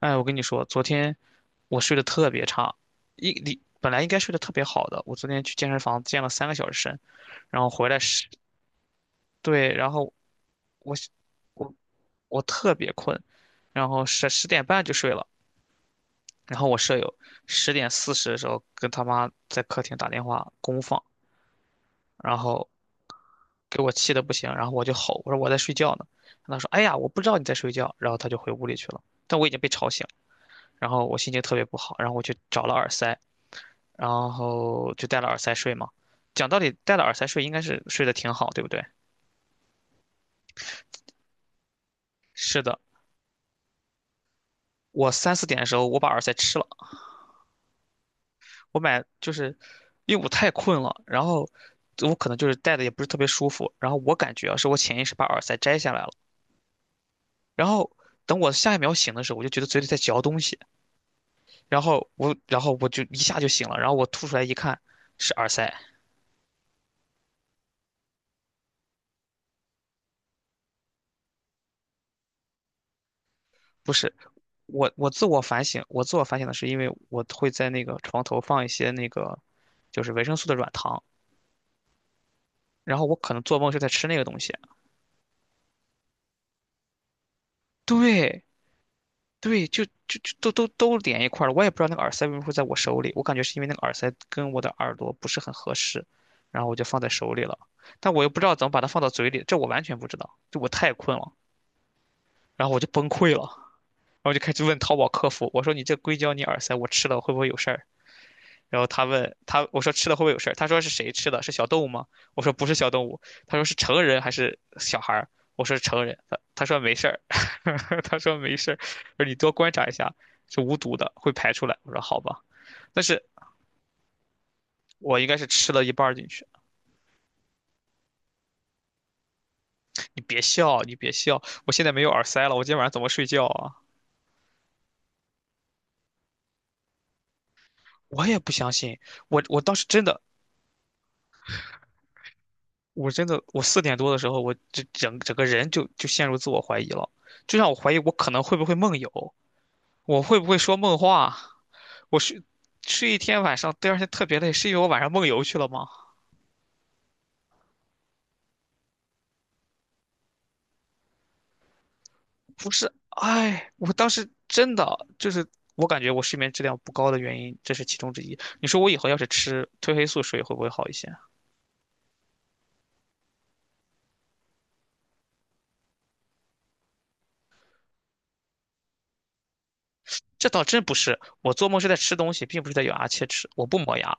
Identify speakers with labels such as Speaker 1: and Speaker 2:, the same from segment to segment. Speaker 1: 哎，我跟你说，昨天我睡得特别差，你本来应该睡得特别好的，我昨天去健身房健了3个小时身，然后回来十，对，然后我我我特别困，然后10点半就睡了，然后我舍友10点40的时候跟他妈在客厅打电话公放，然后给我气得不行，然后我就吼，我说我在睡觉呢。他说哎呀我不知道你在睡觉，然后他就回屋里去了，但我已经被吵醒了。然后我心情特别不好，然后我去找了耳塞。然后就带了耳塞睡嘛。讲道理，带了耳塞睡应该是睡得挺好，对不对？是的，我3、4点的时候我把耳塞吃了，我买就是因为我太困了，然后我可能就是戴的也不是特别舒服，然后我感觉啊是我潜意识把耳塞摘下来了，然后等我下一秒醒的时候，我就觉得嘴里在嚼东西，然后我就一下就醒了，然后我吐出来一看是耳塞。不是，我自我反省，我自我反省的是因为我会在那个床头放一些那个，就是维生素的软糖，然后我可能做梦就在吃那个东西。对对，就都连一块儿了，我也不知道那个耳塞为什么会在我手里，我感觉是因为那个耳塞跟我的耳朵不是很合适，然后我就放在手里了，但我又不知道怎么把它放到嘴里，这我完全不知道，就我太困了，然后我就崩溃了，然后就开始问淘宝客服，我说你这硅胶你耳塞我吃了会不会有事儿？然后他问他，我说吃了会不会有事儿？他说是谁吃的？是小动物吗？我说不是小动物。他说是成人还是小孩儿？我说是成人。他说没事儿，他说没事儿，说你多观察一下，是无毒的，会排出来。我说好吧，但是我应该是吃了一半儿进去。你别笑，你别笑，我现在没有耳塞了，我今天晚上怎么睡觉啊？我也不相信，我我当时真的，我真的，我四点多的时候，我这整个人就陷入自我怀疑了，就让我怀疑我可能会不会梦游。我会不会说梦话？我睡一天晚上，第二天特别累，是因为我晚上梦游去了吗？不是，哎，我当时真的就是我感觉我睡眠质量不高的原因，这是其中之一。你说我以后要是吃褪黑素水会不会好一些？这倒真不是，我做梦是在吃东西，并不是在咬牙切齿。我不磨牙，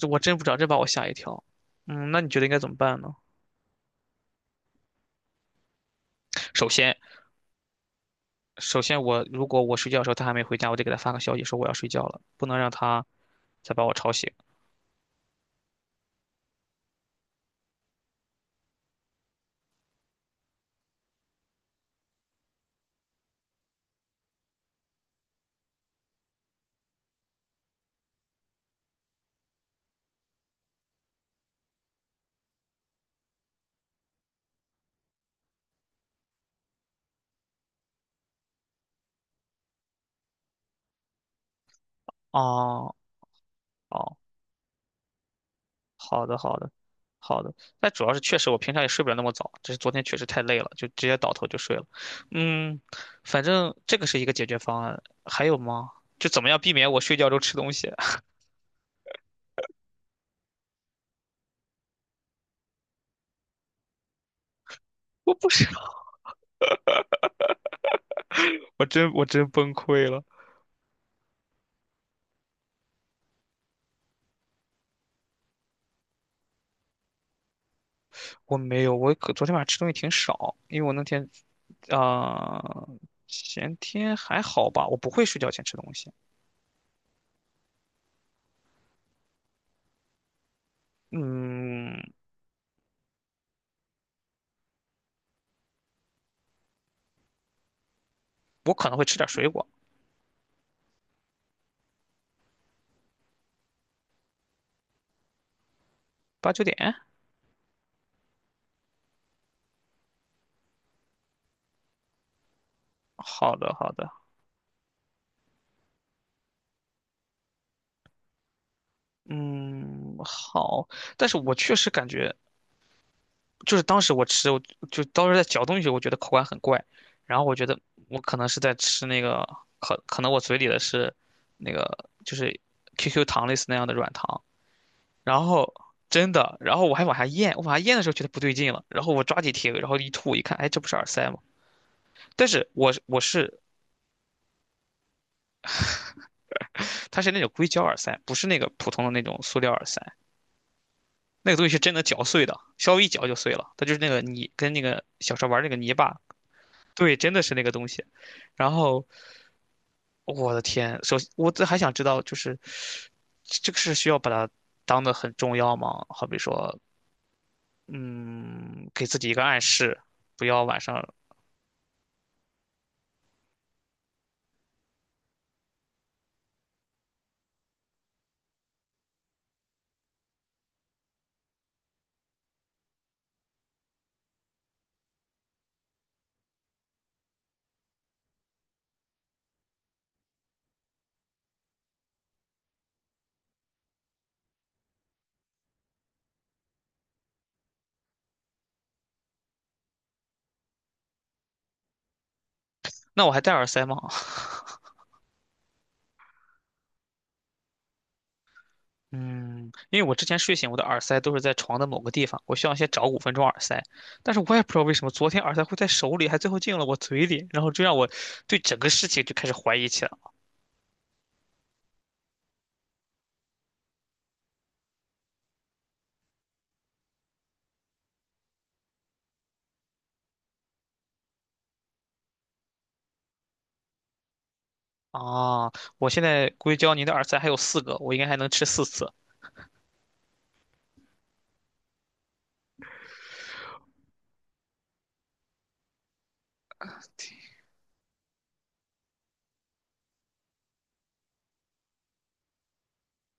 Speaker 1: 这我真不知道，这把我吓一跳。嗯，那你觉得应该怎么办呢？首先，首先我如果我睡觉的时候他还没回家，我得给他发个消息说我要睡觉了，不能让他再把我吵醒。哦，哦，好的，好的，好的。但主要是确实我平常也睡不了那么早，只是昨天确实太累了，就直接倒头就睡了。嗯，反正这个是一个解决方案，还有吗？就怎么样避免我睡觉中吃东西？我不是，我真崩溃了。我没有，我可昨天晚上吃东西挺少，因为我那天啊、呃前天还好吧，我不会睡觉前吃东西。嗯，我可能会吃点水果，8、9点。好的，好的。嗯，好，但是我确实感觉，就是当时我吃，我就当时在嚼东西我觉得口感很怪，然后我觉得我可能是在吃那个，可能我嘴里的是那个就是 QQ 糖类似那样的软糖，然后真的，然后我还往下咽，我往下咽的时候觉得不对劲了，然后我抓紧铁，然后一吐一看，哎，这不是耳塞吗？但是我是我是它是那种硅胶耳塞，不是那个普通的那种塑料耳塞。那个东西是真的嚼碎的，稍微一嚼就碎了。它就是那个泥，跟那个小时候玩那个泥巴，对，真的是那个东西。然后我的天，我这还想知道，就是这个是需要把它当的很重要吗？好比说，嗯，给自己一个暗示，不要晚上。那我还戴耳塞吗？嗯，因为我之前睡醒，我的耳塞都是在床的某个地方，我需要先找5分钟耳塞。但是我也不知道为什么，昨天耳塞会在手里，还最后进了我嘴里，然后就让我对整个事情就开始怀疑起来。啊，我现在硅胶泥的耳塞还有4个，我应该还能吃4次。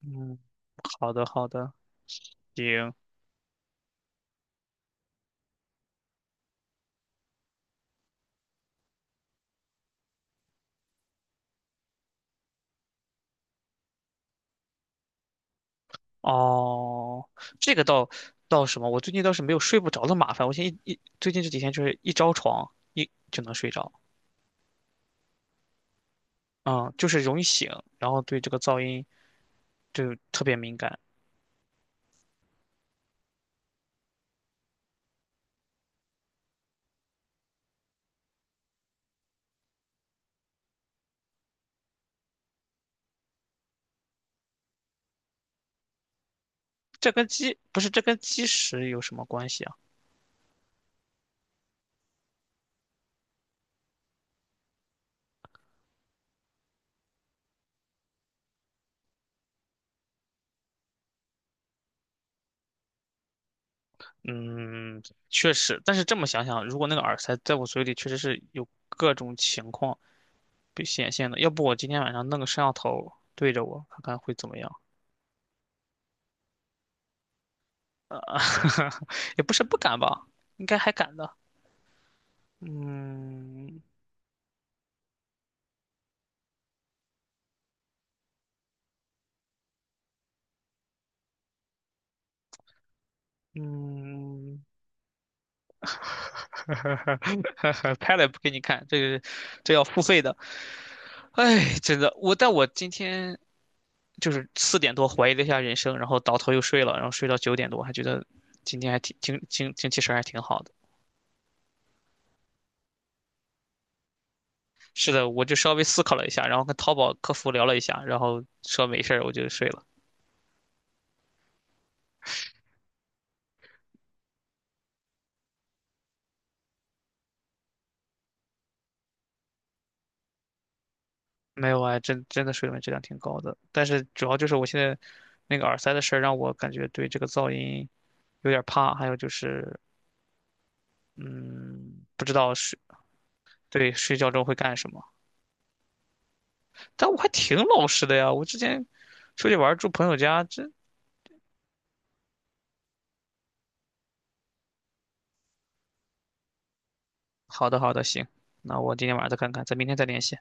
Speaker 1: 嗯，好的好的，行。哦，这个倒什么？我最近倒是没有睡不着的麻烦。我现在最近这几天就是一着床一就能睡着，嗯，就是容易醒，然后对这个噪音就特别敏感。这跟基不是这跟基食有什么关系啊？嗯，确实，但是这么想想，如果那个耳塞在我嘴里，确实是有各种情况。被显现的。要不我今天晚上弄个摄像头对着我，看看会怎么样？也不是不敢吧，应该还敢的。嗯嗯，拍了也不给你看，这要付费的。哎，真的，我今天就是四点多怀疑了一下人生，然后倒头又睡了，然后睡到9点多，还觉得今天还挺精气神儿还挺好的。是的，我就稍微思考了一下，然后跟淘宝客服聊了一下，然后说没事儿，我就睡了。没有啊，真的水文质量挺高的，但是主要就是我现在那个耳塞的事儿让我感觉对这个噪音有点儿怕，还有就是，嗯，不知道睡对睡觉中会干什么。但我还挺老实的呀，我之前出去玩儿住朋友家，好的好的，行，那我今天晚上再看看，咱明天再联系。